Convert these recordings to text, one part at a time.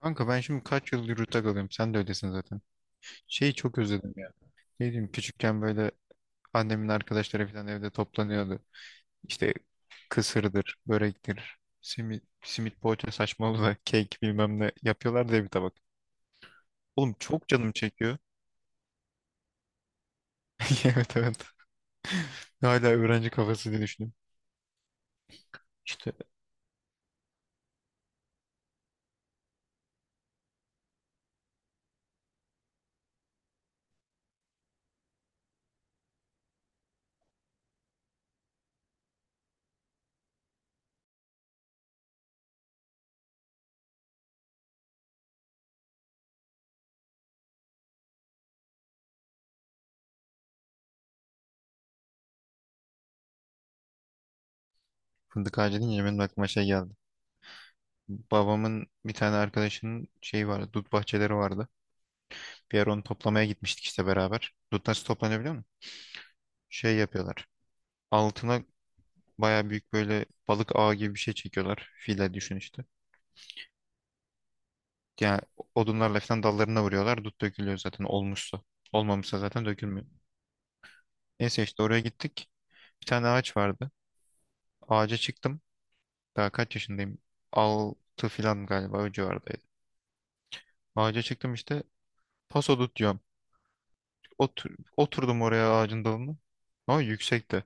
Kanka ben şimdi kaç yıldır yurtta kalıyorum. Sen de öylesin zaten. Şeyi çok özledim ya. Ne diyeyim, küçükken böyle annemin arkadaşları falan evde toplanıyordu. İşte kısırdır, börektir, simit poğaça saçmalığı, da kek bilmem ne yapıyorlar diye bir tabak. Oğlum çok canım çekiyor. Evet, evet. Hala öğrenci kafası diye düşünüyorum. İşte fındık ağacı deyince benim aklıma şey geldi. Babamın bir tane arkadaşının şeyi vardı. Dut bahçeleri vardı. Bir ara onu toplamaya gitmiştik işte beraber. Dut nasıl toplanıyor biliyor musun? Şey yapıyorlar. Altına baya büyük böyle balık ağı gibi bir şey çekiyorlar. File düşün işte. Yani odunlarla falan dallarına vuruyorlar. Dut dökülüyor zaten olmuşsa. Olmamışsa zaten dökülmüyor. Neyse işte oraya gittik. Bir tane ağaç vardı. Ağaca çıktım. Daha kaç yaşındayım? Altı falan galiba, o civardaydı. Ağaca çıktım işte. Paso dut diyorum. Oturdum oraya ağacın dalına. Ama yüksekti.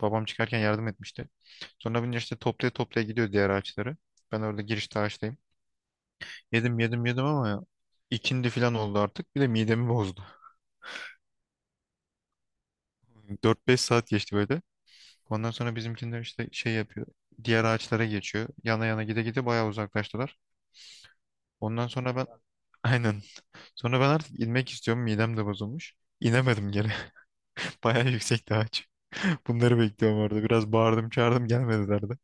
Babam çıkarken yardım etmişti. Sonra bunun işte toplaya toplaya gidiyor diğer ağaçları. Ben orada girişte ağaçtayım. Yedim, yedim, yedim ama ya, ikindi falan oldu artık. Bir de midemi bozdu. 4-5 saat geçti böyle. Ondan sonra bizimkiler işte şey yapıyor. Diğer ağaçlara geçiyor. Yana yana, gide gide bayağı uzaklaştılar. Ondan sonra ben aynen. Sonra ben artık inmek istiyorum. Midem de bozulmuş. İnemedim geri. Bayağı yüksekti ağaç. Bunları bekliyorum orada. Biraz bağırdım çağırdım, gelmediler de.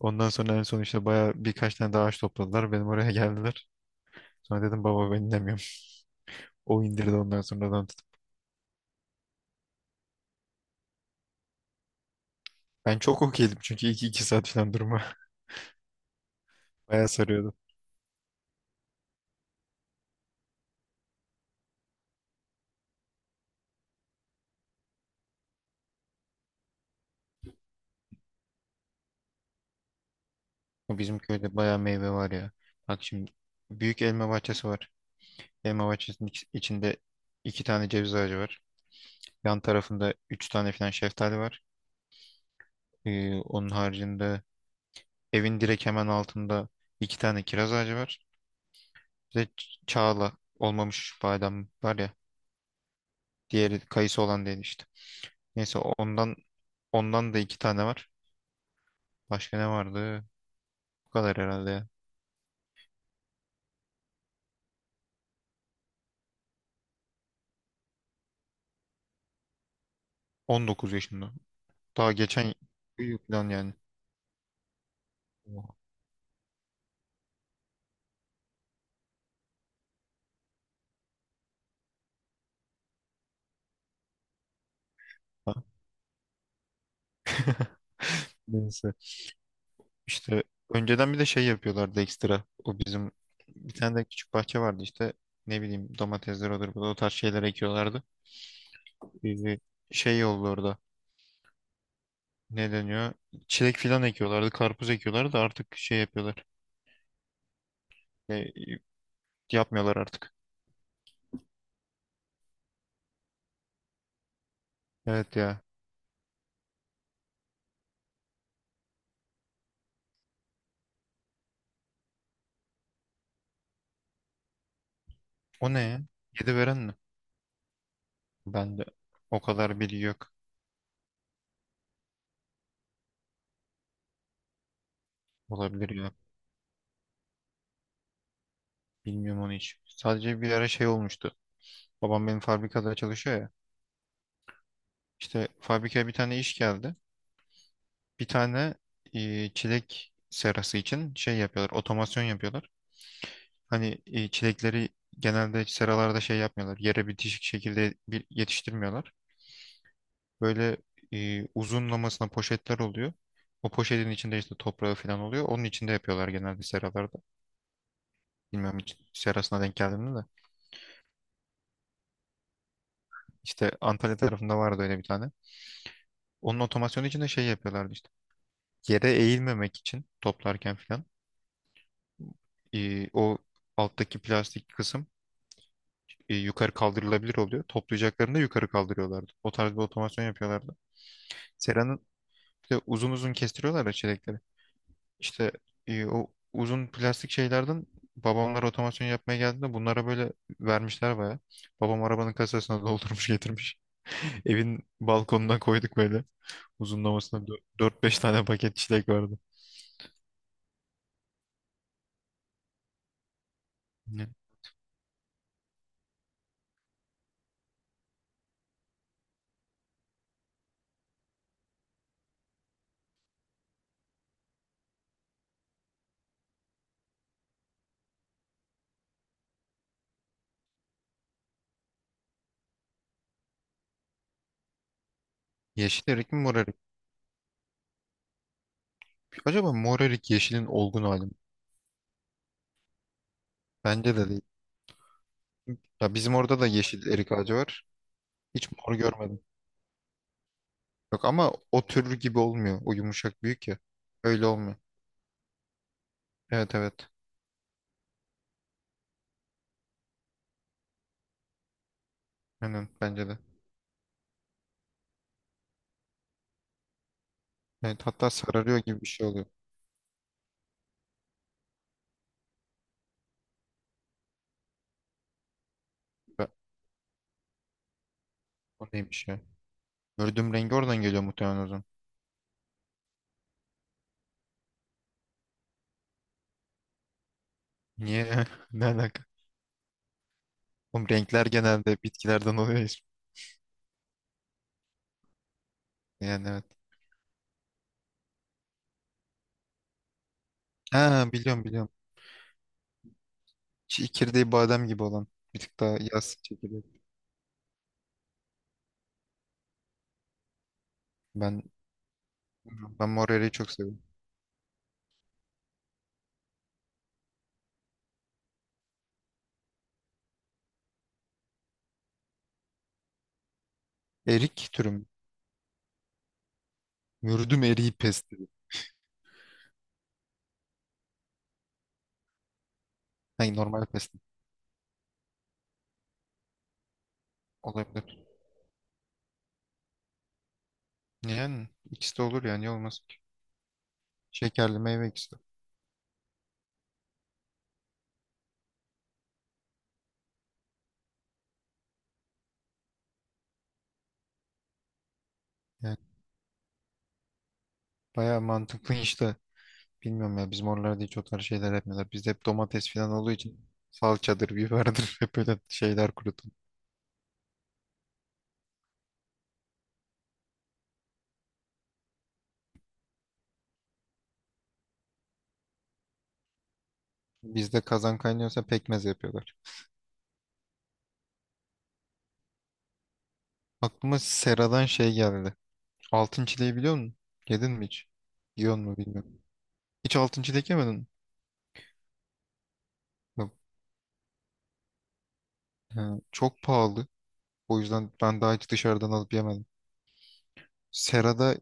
Ondan sonra en son işte bayağı birkaç tane daha ağaç topladılar. Benim oraya geldiler. Sonra dedim, baba ben inemiyorum. O indirdi ondan sonradan tutup. Ben çok okeydim çünkü iki saat falan durma. Bayağı sarıyordu. Bizim köyde bayağı meyve var ya. Bak şimdi, büyük elma bahçesi var. Elma bahçesinin içinde iki tane ceviz ağacı var. Yan tarafında üç tane falan şeftali var. Onun haricinde evin direkt hemen altında iki tane kiraz ağacı var. Bir de çağla, olmamış badem var ya. Diğeri kayısı olan değil işte. Neyse ondan da iki tane var. Başka ne vardı? Bu kadar herhalde ya. 19 yaşında. Daha geçen yıl falan yani. Oha. Neyse. İşte önceden bir de şey yapıyorlardı ekstra. O bizim, bir tane de küçük bahçe vardı işte. Ne bileyim, domatesler olur, bu da o tarz şeyler ekiyorlardı. Bir şey oldu orada. Ne deniyor? Çilek filan ekiyorlardı. Karpuz ekiyorlardı da artık şey yapıyorlar. E, Yapmıyorlar artık. Evet ya. O ne ya? Yedi veren mi? Ben de o kadar bilgi yok. Olabilir ya. Bilmiyorum onu hiç. Sadece bir ara şey olmuştu. Babam benim fabrikada çalışıyor ya. İşte fabrikaya bir tane iş geldi. Bir tane çilek serası için şey yapıyorlar, otomasyon yapıyorlar. Hani çilekleri genelde seralarda şey yapmıyorlar, yere bitişik şekilde bir yetiştirmiyorlar. Böyle uzunlamasına poşetler oluyor. O poşetin içinde işte toprağı falan oluyor. Onun içinde yapıyorlar genelde seralarda. Bilmiyorum hiç serasına denk geldim mi de. İşte Antalya tarafında vardı öyle bir tane. Onun otomasyonu için de şey yapıyorlardı işte. Yere eğilmemek için toplarken falan. O alttaki plastik kısım yukarı kaldırılabilir oluyor. Toplayacaklarını da yukarı kaldırıyorlardı. O tarz bir otomasyon yapıyorlardı. Sera'nın bir de uzun uzun kestiriyorlar ya çilekleri. İşte o uzun plastik şeylerden babamlar otomasyon yapmaya geldiğinde bunlara böyle vermişler baya. Babam arabanın kasasına doldurmuş getirmiş. Evin balkonuna koyduk böyle. Uzunlamasına dört beş tane paket çilek vardı. Ne? Yeşil erik mi, mor erik? Acaba mor erik yeşilin olgun hali mi? Bence de değil. Ya bizim orada da yeşil erik ağacı var. Hiç mor görmedim. Yok ama o türlü gibi olmuyor. O yumuşak büyük ya. Öyle olmuyor. Evet, evet. Aynen, bence de. Evet, hatta sararıyor gibi bir şey oluyor. Be- O neymiş ya? Gördüğüm rengi oradan geliyor muhtemelen o zaman. Niye? Ne alaka? Oğlum renkler genelde bitkilerden oluyor ya. Yani evet. Ha, biliyorum biliyorum. Çekirdeği badem gibi olan. Bir tık daha yaz çekirdeği. Ben ben mor eriği çok seviyorum. Erik türü mü? Mürdüm eriği pesti. Hayır, normal pesti. Olabilir. Yani ikisi de olur, yani olmaz ki? Şekerli meyve ikisi de. Baya mantıklı işte. Bilmiyorum ya, bizim oralarda hiç o tarz şeyler yapmıyorlar. Bizde hep domates falan olduğu için salçadır, biberdir hep böyle şeyler kurutun. Bizde kazan kaynıyorsa pekmez yapıyorlar. Aklıma Sera'dan şey geldi. Altın çileği biliyor musun? Yedin mi hiç? Yiyor mu bilmiyorum. Hiç altın çilek yemedin mi? Yok. Ha, çok pahalı. O yüzden ben daha hiç dışarıdan alıp yemedim. Sera'da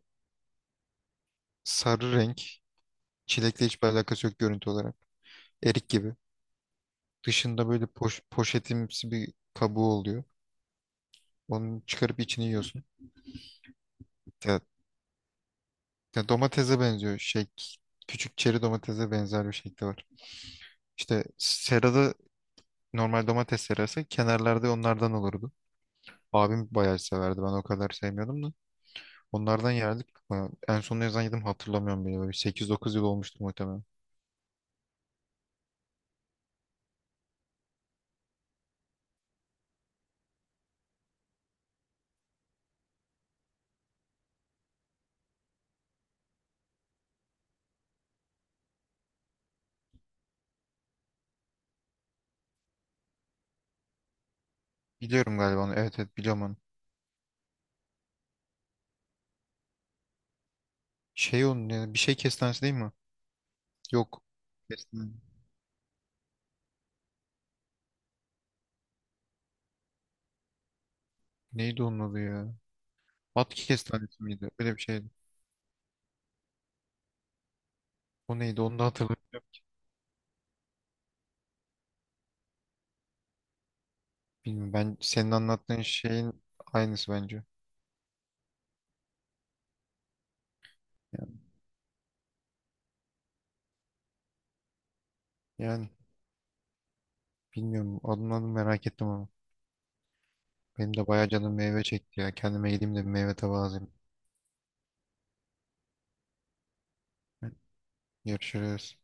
sarı renk. Çilekle hiçbir alakası yok görüntü olarak. Erik gibi. Dışında böyle poşetimsi bir kabuğu oluyor. Onu çıkarıp içini yiyorsun. Ya, ya domatese benziyor. Şey, küçük çeri domatese benzer bir şekli var. İşte serada normal domates serası kenarlarda onlardan olurdu. Abim bayağı severdi. Ben o kadar sevmiyordum da. Onlardan yerdik. Bayağı- en son ne zaman yedim hatırlamıyorum bile. Böyle 8-9 yıl olmuştur muhtemelen. Biliyorum galiba onu. Evet, evet, biliyorum onu. Şey onun ya, bir şey kestanesi değil mi? Yok. Kestane. Neydi onun adı ya? At kestanesi miydi? Öyle bir şeydi. O neydi onu da hatırlamıyorum. Bilmiyorum, ben senin anlattığın şeyin aynısı bence. Yani, yani, bilmiyorum adım merak ettim ama. Benim de bayağı canım meyve çekti ya. Kendime gideyim de bir meyve tabağı alayım. Görüşürüz.